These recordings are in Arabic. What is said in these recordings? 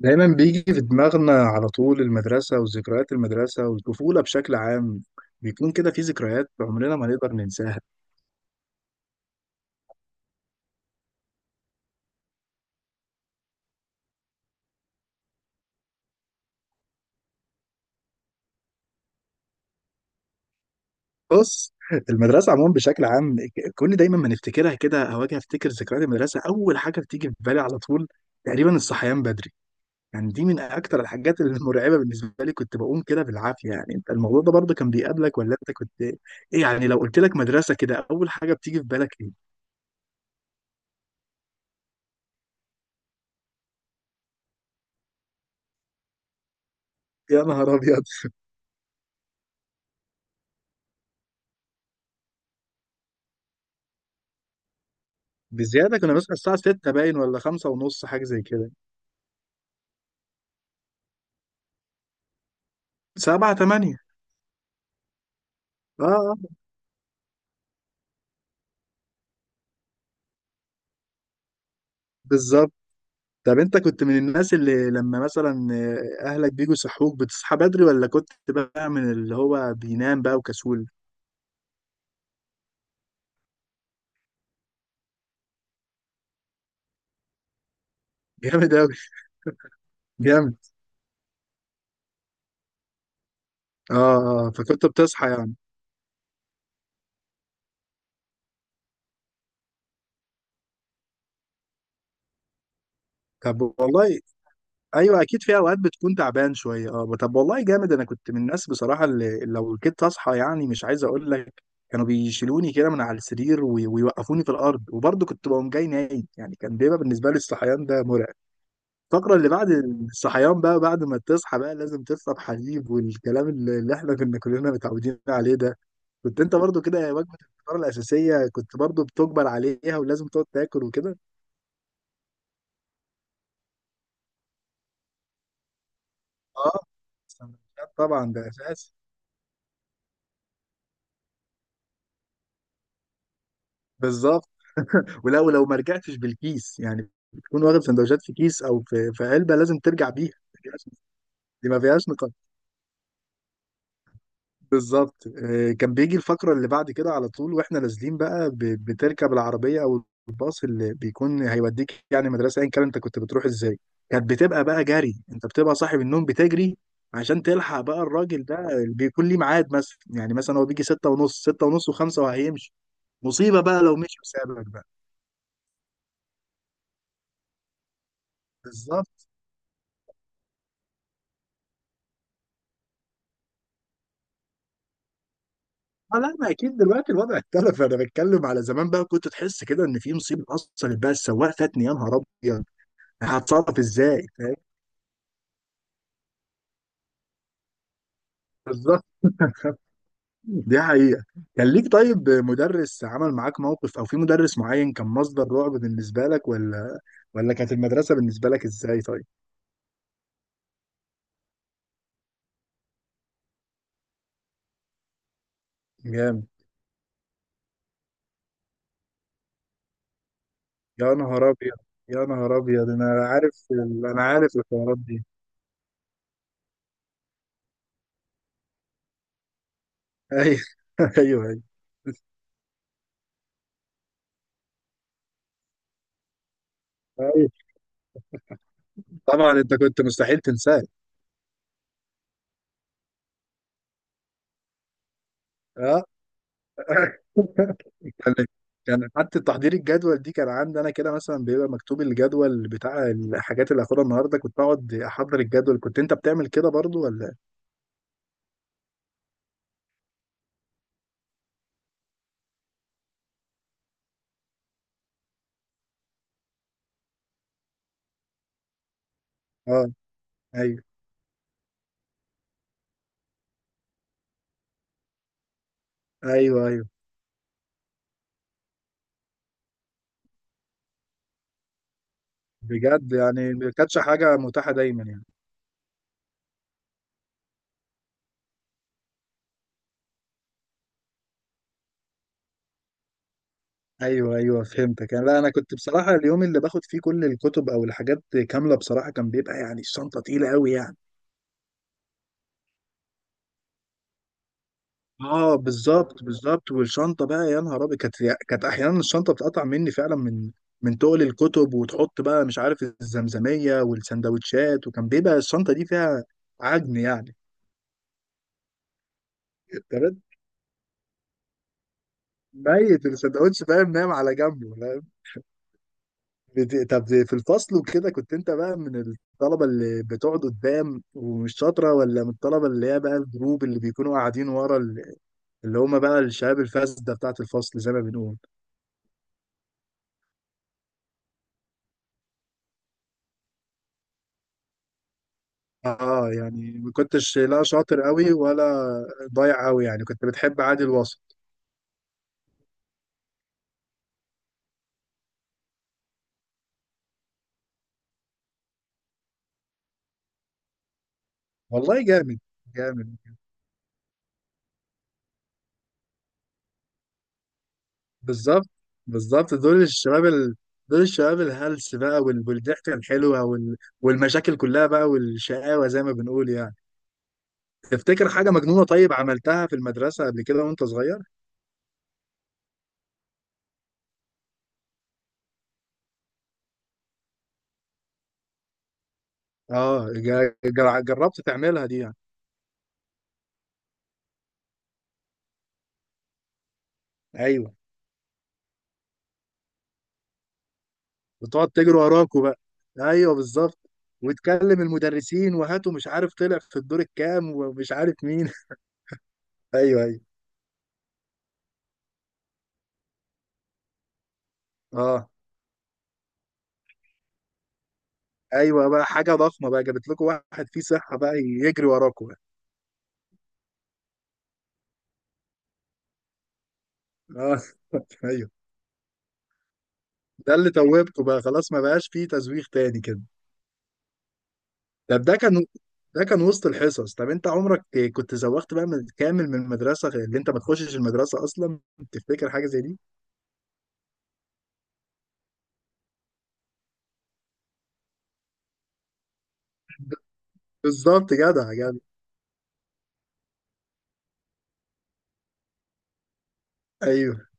دايما بيجي في دماغنا على طول المدرسة وذكريات المدرسة والطفولة بشكل عام. بيكون كده في ذكريات عمرنا ما نقدر ننساها. بص، المدرسة عموما بشكل عام، ك- كل دايما ما نفتكرها كده أو أجي أفتكر ذكريات المدرسة، أول حاجة بتيجي في بالي على طول تقريبا الصحيان بدري. يعني دي من أكتر الحاجات المرعبة بالنسبة لي، كنت بقوم كده بالعافية. يعني أنت الموضوع ده برضه كان بيقابلك ولا أنت كنت إيه؟ يعني لو قلت لك مدرسة كده أول حاجة بتيجي في بالك إيه؟ يا نهار أبيض. بزيادة، كنا بنصحى الساعة ستة باين ولا خمسة ونص حاجة زي كده. سبعة تمانية. اه، بالظبط. طب انت كنت من الناس اللي لما مثلا اهلك بيجوا يصحوك بتصحى بدري ولا كنت بقى من اللي هو بينام بقى وكسول؟ جامد اوي. جامد. اه. اه فكنت بتصحى يعني. طب والله. ايوه، اكيد في اوقات بتكون تعبان شويه. اه طب والله جامد، انا كنت من الناس بصراحه اللي لو كنت اصحى يعني مش عايز اقول لك، كانوا بيشيلوني كده من على السرير ويوقفوني في الارض وبرضه كنت بقوم جاي نايم. يعني كان بيبقى بالنسبه لي الصحيان ده مرعب. الفقره اللي بعد الصحيان بقى، بعد ما تصحى بقى لازم تشرب حليب والكلام اللي احنا كنا كلنا متعودين عليه ده. كنت انت برضه كده؟ وجبه الفطار الاساسيه كنت برضه بتجبر عليها ولازم تقعد تاكل وكده. اه، السندوتشات طبعا ده اساسي. بالظبط. ولو لو ما رجعتش بالكيس، يعني بتكون واخد سندوتشات في كيس او في علبه، لازم ترجع بيها. دي ما فيهاش نقاش. بالظبط. كان بيجي الفقره اللي بعد كده على طول واحنا نازلين بقى، بتركب العربيه او الباص اللي بيكون هيوديك يعني مدرسه، ايا كان انت كنت بتروح ازاي. كانت بتبقى بقى جري، انت بتبقى صاحب النوم بتجري عشان تلحق بقى الراجل ده اللي بيكون ليه ميعاد. مثلا يعني مثلا هو بيجي ستة ونص، ستة ونص وخمسة وهيمشي. مصيبة بقى لو مشي وسابك بقى. بالظبط. اه لا، ما اكيد دلوقتي الوضع اختلف، انا بتكلم على زمان بقى. كنت تحس كده ان في مصيبه حصلت بقى، السواق فاتني يا نهار ابيض. هتصرف ازاي؟ فاهم. بالظبط. دي حقيقه. كان ليك طيب مدرس عمل معاك موقف او في مدرس معين كان مصدر رعب بالنسبه لك، ولا ولا كانت المدرسه بالنسبه لك ازاي طيب؟ جامد. يا نهار ابيض. يا نهار ابيض انا عارف انا عارف الحوارات دي. ايوه. ايوه ايوه. أيوة. طبعا انت كنت مستحيل تنساه. اه كان. كان حتى تحضير الجدول دي كان عندي انا كده. مثلا بيبقى مكتوب الجدول بتاع الحاجات اللي هاخدها النهارده، كنت اقعد احضر الجدول. كنت انت بتعمل كده برضو ولا؟ اه. ايوه ايوه ايوه. بجد يعني ما كانتش حاجه متاحه دايما يعني. ايوه ايوه فهمتك يعني. لا انا كنت بصراحه اليوم اللي باخد فيه كل الكتب او الحاجات كامله بصراحه كان بيبقى يعني الشنطه تقيله قوي يعني. اه بالظبط بالظبط. والشنطه بقى يا نهار ابيض، كانت. كانت احيانا الشنطه بتقطع مني فعلا من من تقل الكتب، وتحط بقى مش عارف الزمزميه والسندوتشات، وكان بيبقى الشنطه دي فيها عجن يعني. تمام. ميت السندوتش فاهم، نايم على جنبه فاهم. طب في الفصل وكده كنت انت بقى من الطلبه اللي بتقعد قدام ومش شاطره، ولا من الطلبه اللي هي بقى الجروب اللي بيكونوا قاعدين ورا اللي هم بقى الشباب الفاسده بتاعت الفصل زي ما بنقول؟ اه يعني ما كنتش لا شاطر قوي ولا ضايع قوي يعني، كنت بتحب عادي الوسط. والله جامد. جامد. بالظبط. بالظبط دول الشباب دول الشباب الهلس بقى والضحكه الحلوه والمشاكل كلها بقى والشقاوه زي ما بنقول يعني. تفتكر حاجه مجنونه طيب عملتها في المدرسه قبل كده وانت صغير؟ اه جربت تعملها دي يعني. ايوه. وتقعد تجري وراكوا بقى. ايوه بالظبط. وتكلم المدرسين وهاتوا مش عارف طلع في الدور الكام ومش عارف مين. ايوه ايوه. اه. ايوه بقى حاجه ضخمه بقى، جابت لكم واحد فيه صحه بقى يجري وراكوا بقى. اه. ايوه. ده اللي توبته بقى، خلاص ما بقاش فيه تزويق تاني كده. طب ده كان. ده كان وسط الحصص. طب انت عمرك كنت زوغت بقى من كامل من المدرسه، غير اللي انت ما تخشش المدرسه اصلا؟ تفتكر حاجه زي دي؟ بالظبط. جدع جدع. ايوه.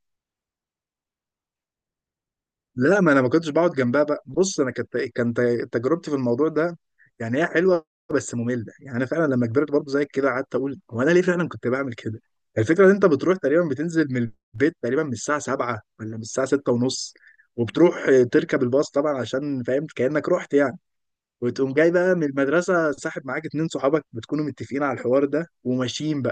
لا ما انا ما كنتش بقعد جنبها بقى. بص انا كانت، كانت تجربتي في الموضوع ده يعني هي حلوه بس ممله. يعني انا فعلا لما كبرت برضه زيك كده قعدت اقول هو انا ليه فعلا كنت بعمل كده. الفكره ان انت بتروح تقريبا بتنزل من البيت تقريبا من الساعه 7 ولا من الساعه 6 ونص، وبتروح تركب الباص طبعا عشان فاهم كانك رحت يعني. وتقوم جاي بقى من المدرسه ساحب معاك اتنين صحابك بتكونوا متفقين على الحوار ده وماشيين.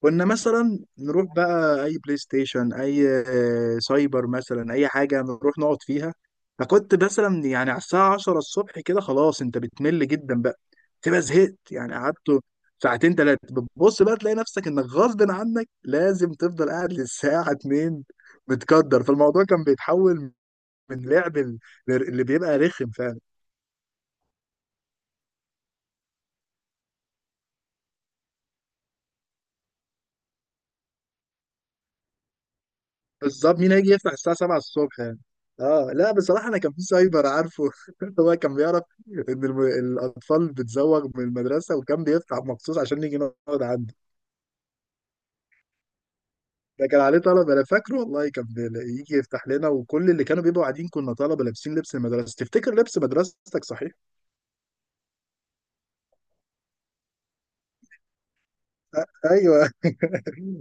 كنا مثلا نروح بقى اي بلاي ستيشن، اي سايبر مثلا، اي حاجه نروح نقعد فيها. فكنت مثلا يعني على الساعه 10 الصبح كده، خلاص انت بتمل جدا بقى، تبقى زهقت. يعني قعدت ساعتين ثلاثه بتبص بقى تلاقي نفسك انك غصب عنك لازم تفضل قاعد للساعه 2، متقدر. فالموضوع كان بيتحول من لعب اللي بيبقى رخم. بالظبط، مين هيجي يفتح الساعة 7 الصبح يعني. اه لا بصراحة أنا كان في سايبر عارفه. هو كان بيعرف إن الأطفال بتزوغ من المدرسة، وكان بيفتح مخصوص عشان نيجي نقعد عنده. ده كان عليه طلبة، أنا فاكره والله كان يجي يفتح لنا، وكل اللي كانوا بيبقوا قاعدين كنا طلبة لابسين لبس المدرسة. تفتكر لبس مدرستك صحيح؟ أيوه.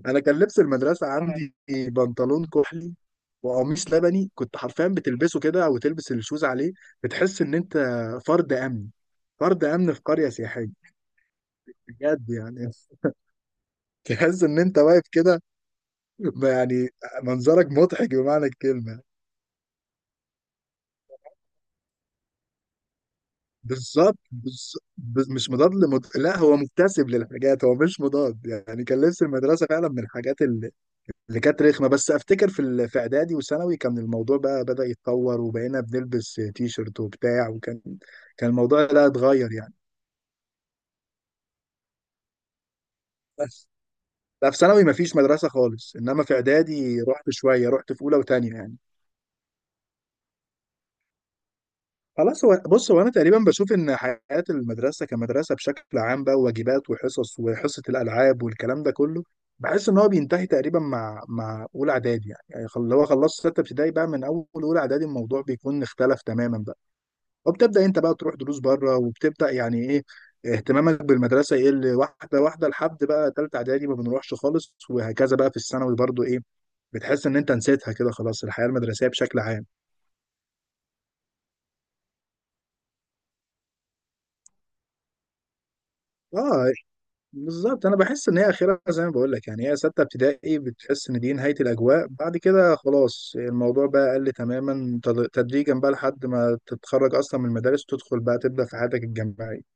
انا كان لبس المدرسه عندي بنطلون كحلي وقميص لبني، كنت حرفيا بتلبسه كده او تلبس الشوز عليه. بتحس ان انت فرد امن، فرد امن في قريه سياحيه بجد يعني. تحس ان انت واقف كده، يعني منظرك مضحك بمعنى الكلمه. بالظبط مش مضاد لا هو مكتسب للحاجات هو مش مضاد. يعني كان لبس المدرسه فعلا من الحاجات اللي كانت رخمه. بس افتكر في في اعدادي وثانوي كان الموضوع بقى بدأ يتطور، وبقينا بنلبس تي شيرت وبتاع، وكان. كان الموضوع لا اتغير يعني. بس لا في ثانوي مفيش مدرسه خالص، انما في اعدادي رحت شويه، رحت في اولى وثانيه يعني. خلاص. هو بص، هو انا تقريبا بشوف ان حياه المدرسه كمدرسه بشكل عام بقى واجبات وحصص وحصه الالعاب والكلام ده كله، بحس ان هو بينتهي تقريبا مع اولى اعدادي يعني. يعني لو خلصت سته ابتدائي بقى من اول اولى اعدادي الموضوع بيكون اختلف تماما بقى، وبتبدا انت بقى تروح دروس بره، وبتبدا يعني ايه اهتمامك بالمدرسه يقل واحده واحده لحد بقى ثالثه اعدادي ما بنروحش خالص، وهكذا بقى في الثانوي برضو ايه، بتحس ان انت نسيتها كده خلاص، الحياه المدرسيه بشكل عام. اه بالظبط. انا بحس ان هي اخرها زي ما بقول لك يعني، هي سته ابتدائي بتحس ان دي نهايه الاجواء. بعد كده خلاص الموضوع بقى قل تماما تدريجا بقى لحد ما تتخرج اصلا من المدارس، تدخل بقى تبدا في حياتك الجامعيه.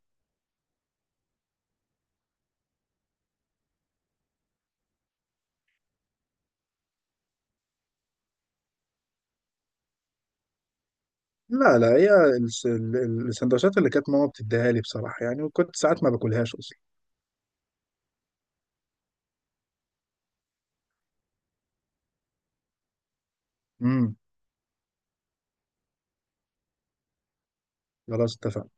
لا لا هي السندوتشات اللي كانت ماما بتديها لي بصراحة يعني، وكنت ساعات ما باكلهاش أصلا. امم. خلاص اتفقنا.